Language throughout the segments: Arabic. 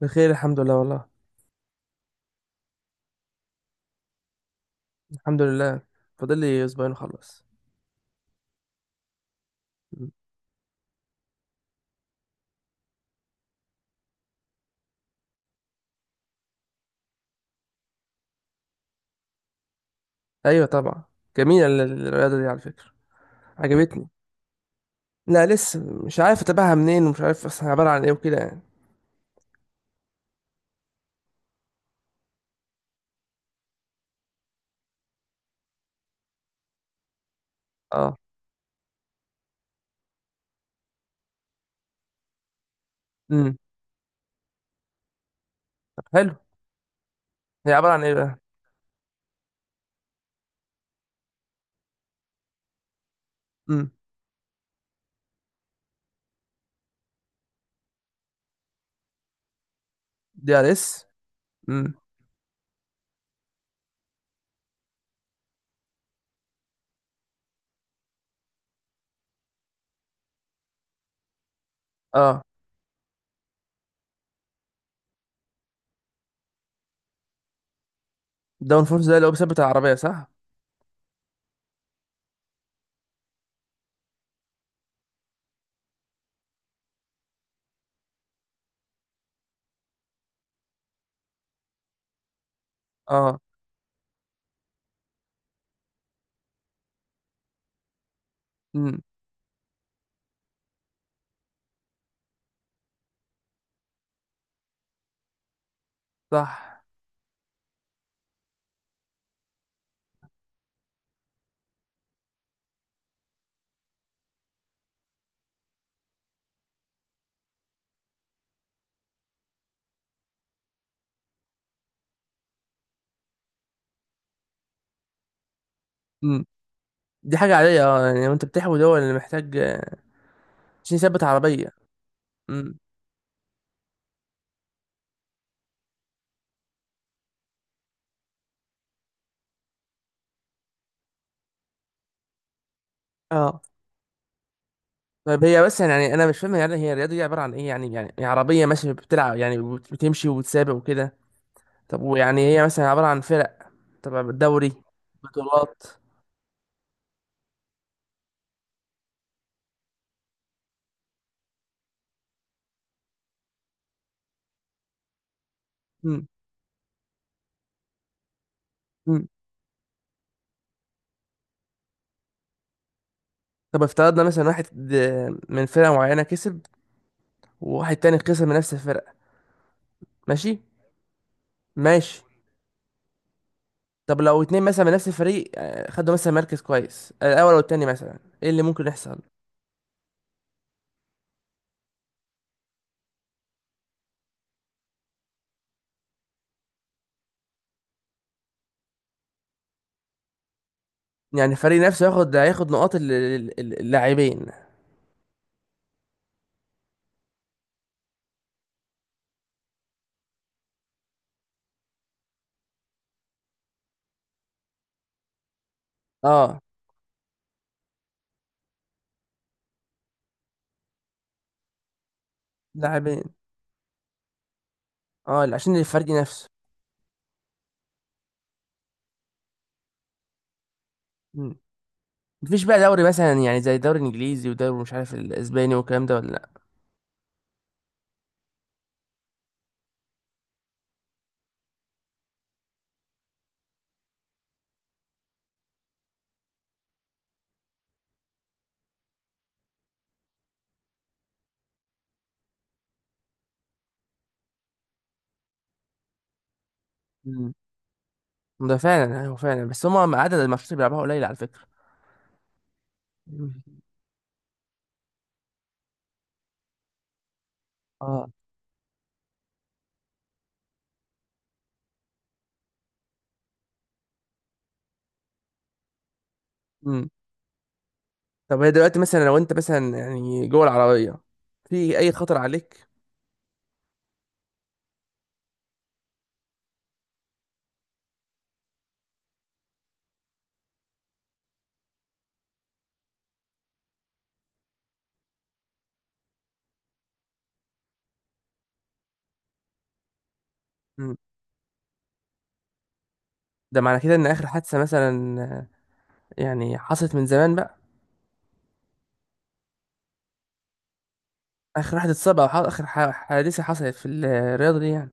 بخير، الحمد لله والله. الحمد لله. فاضل لي اسبوعين وخلص. مم. ايوه، طبعا. جميله الرياضه دي على فكره. عجبتني. لا، لسه. مش عارف اتابعها منين، ومش عارف اصلا عباره عن ايه وكده يعني. اه. امم. طب، حلو. هي عباره عن ايه بقى؟ امم. DRS. امم. اه. داون فورس ده اللي هو بيثبت العربيه، صح؟ اه. امم. صح. امم. دي حاجه عاديه، اه يعني، وانت بتحوي دول اللي محتاج عشان يثبت عربيه. امم. اه. طيب، هي بس يعني انا مش فاهم يعني، هي الرياضه دي عباره عن ايه يعني هي عربيه ماشيه بتلعب يعني، بتمشي وتسابق وكده. طب، ويعني هي مثلا عباره عن فرق؟ طب، دوري؟ بطولات؟ مم. مم. طب، افترضنا مثلا واحد من فرقه معينه كسب، وواحد تاني خسر من نفس الفرقه. ماشي. ماشي. طب لو اتنين مثلا من نفس الفريق، خدوا مثلا مركز كويس الاول والتاني، مثلا ايه اللي ممكن يحصل؟ يعني الفريق نفسه هياخد نقاط اللاعبين. اه. لاعبين. اه، عشان الفريق نفسه. مفيش بقى دوري مثلا، يعني زي الدوري الانجليزي والدوري مش عارف الاسباني والكلام ده، ولا لا؟ مم. ده فعلا، ايوه فعلا، بس هما عدد الماتشات اللي بيلعبوها قليل على فكره. مم. اه. مم. طب هي دلوقتي مثلا، لو انت مثلا يعني جوه العربيه، في اي خطر عليك؟ مم. ده معنى كده ان اخر حادثه مثلا، آه، يعني حصلت من زمان بقى؟ اخر واحد اتصاب، او اخر حادثه حصلت في الرياضه دي يعني؟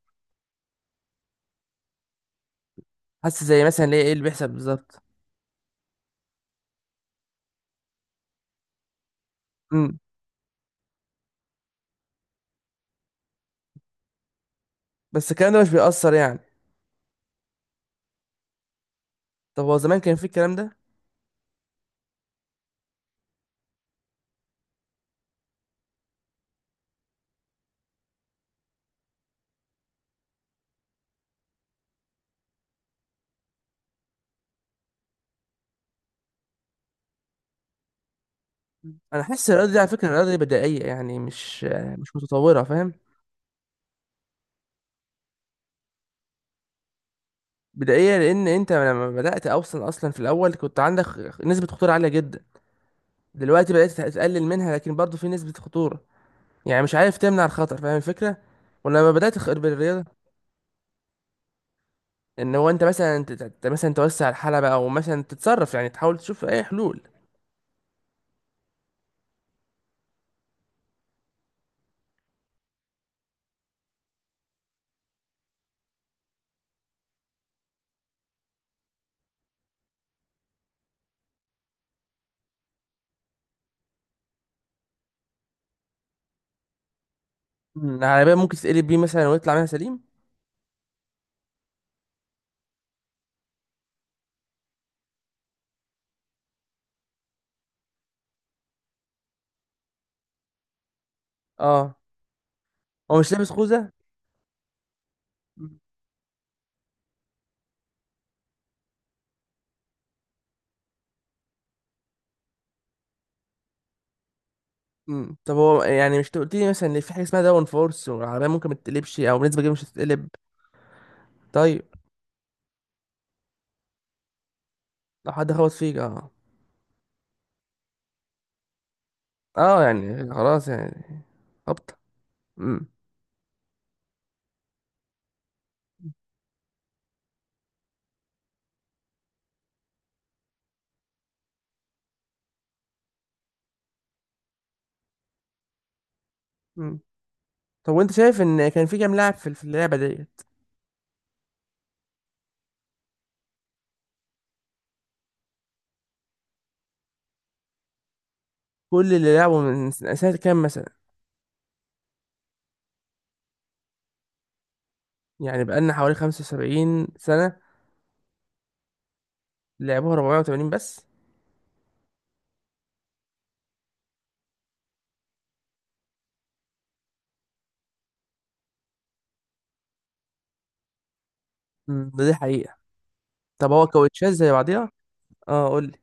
حاسس زي مثلا اللي هي، ايه اللي بيحصل بالظبط؟ مم. بس الكلام ده مش بيأثر يعني؟ طب هو زمان كان في الكلام ده؟ انا حاسس الرياضه دي على فكره، الرياضه دي بدائيه يعني، مش متطوره، فاهم؟ بدائيه لان انت لما بدات اصلا اصلا في الاول كنت عندك نسبه خطوره عاليه جدا. دلوقتي بدات تقلل منها، لكن برضه في نسبه خطوره، يعني مش عارف تمنع الخطر، فاهم الفكره؟ ولما بدات بالرياضه، ان هو انت مثلا مثلا توسع الحلبه، او مثلا تتصرف يعني، تحاول تشوف اي حلول. مم. العربيه ممكن تتقلب بيه مثلا ويطلع منها سليم؟ اه. هو مش لابس خوذه؟ مم. طب هو يعني مش قلت لي مثلا ان في حاجه اسمها داون فورس، والعربيه ممكن ما تتقلبش، او بنسبه كبيره مش هتتقلب؟ طيب، لو حد خبط فيك، اه. اه يعني، خلاص يعني، هبطه. امم. امم. طب، وانت شايف ان كان في كام لاعب في اللعبه ديت؟ كل اللي لعبوا من سنة كام مثلا؟ يعني بقالنا حوالي 75 سنه. لعبوها 480 بس؟ ده، دي حقيقه. طب هو كاوتشات زي بعضيها؟ اه قول لي.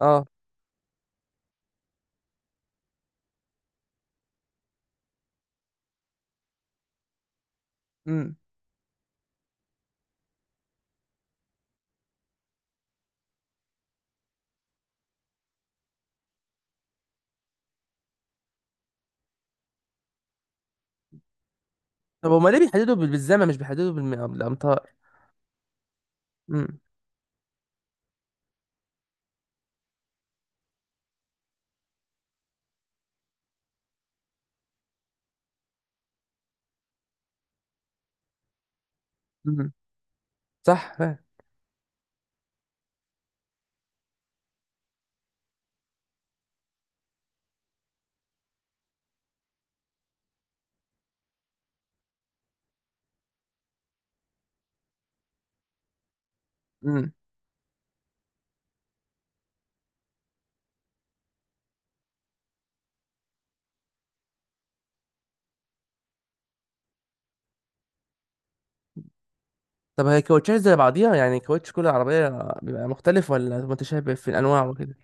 اه. امم. طب هما ليه بيحددوا بالزمن، مش بيحددوا بالامتار؟ امم. امم. صح. فاهم. طب هي كاوتشات زي بعضيها، يعني كاوتش كل عربية بيبقى مختلف ولا متشابه في الأنواع وكده؟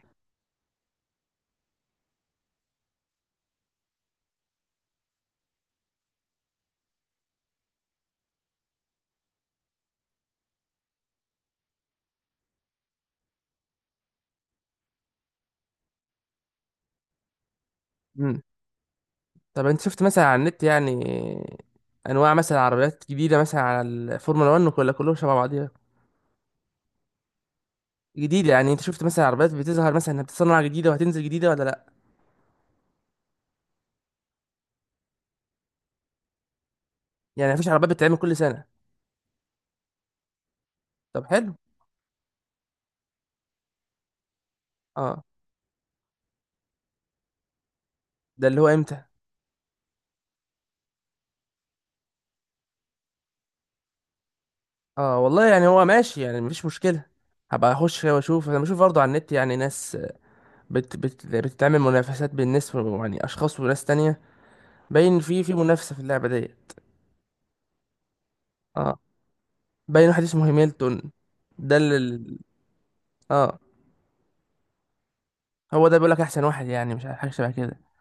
مم. طب أنت شفت مثلا على النت، يعني أنواع مثلا عربيات جديدة مثلا على الفورمولا 1، ولا كلهم شبه بعضيها؟ جديدة يعني، أنت شفت مثلا عربيات بتظهر مثلا إنها بتصنع جديدة وهتنزل جديدة، ولا لأ؟ يعني مفيش عربيات بتتعمل كل سنة؟ طب، حلو. أه. ده اللي هو إمتى؟ أه والله، يعني هو ماشي، يعني مفيش مشكلة. هبقى اخش كده واشوف، انا بشوف برضه على النت يعني ناس بت بت بتعمل منافسات بين ناس يعني اشخاص وناس تانية. باين في منافسة في اللعبة دي. اه. باين واحد اسمه هيميلتون. ده اللي اه. هو ده بيقول لك احسن واحد، يعني مش عارف، حاجة شبه كده.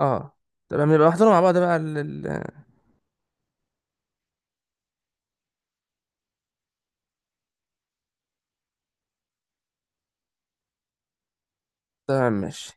اه. تمام، يبقى نحضره مع بعض بقى ال- تمام، ماشي.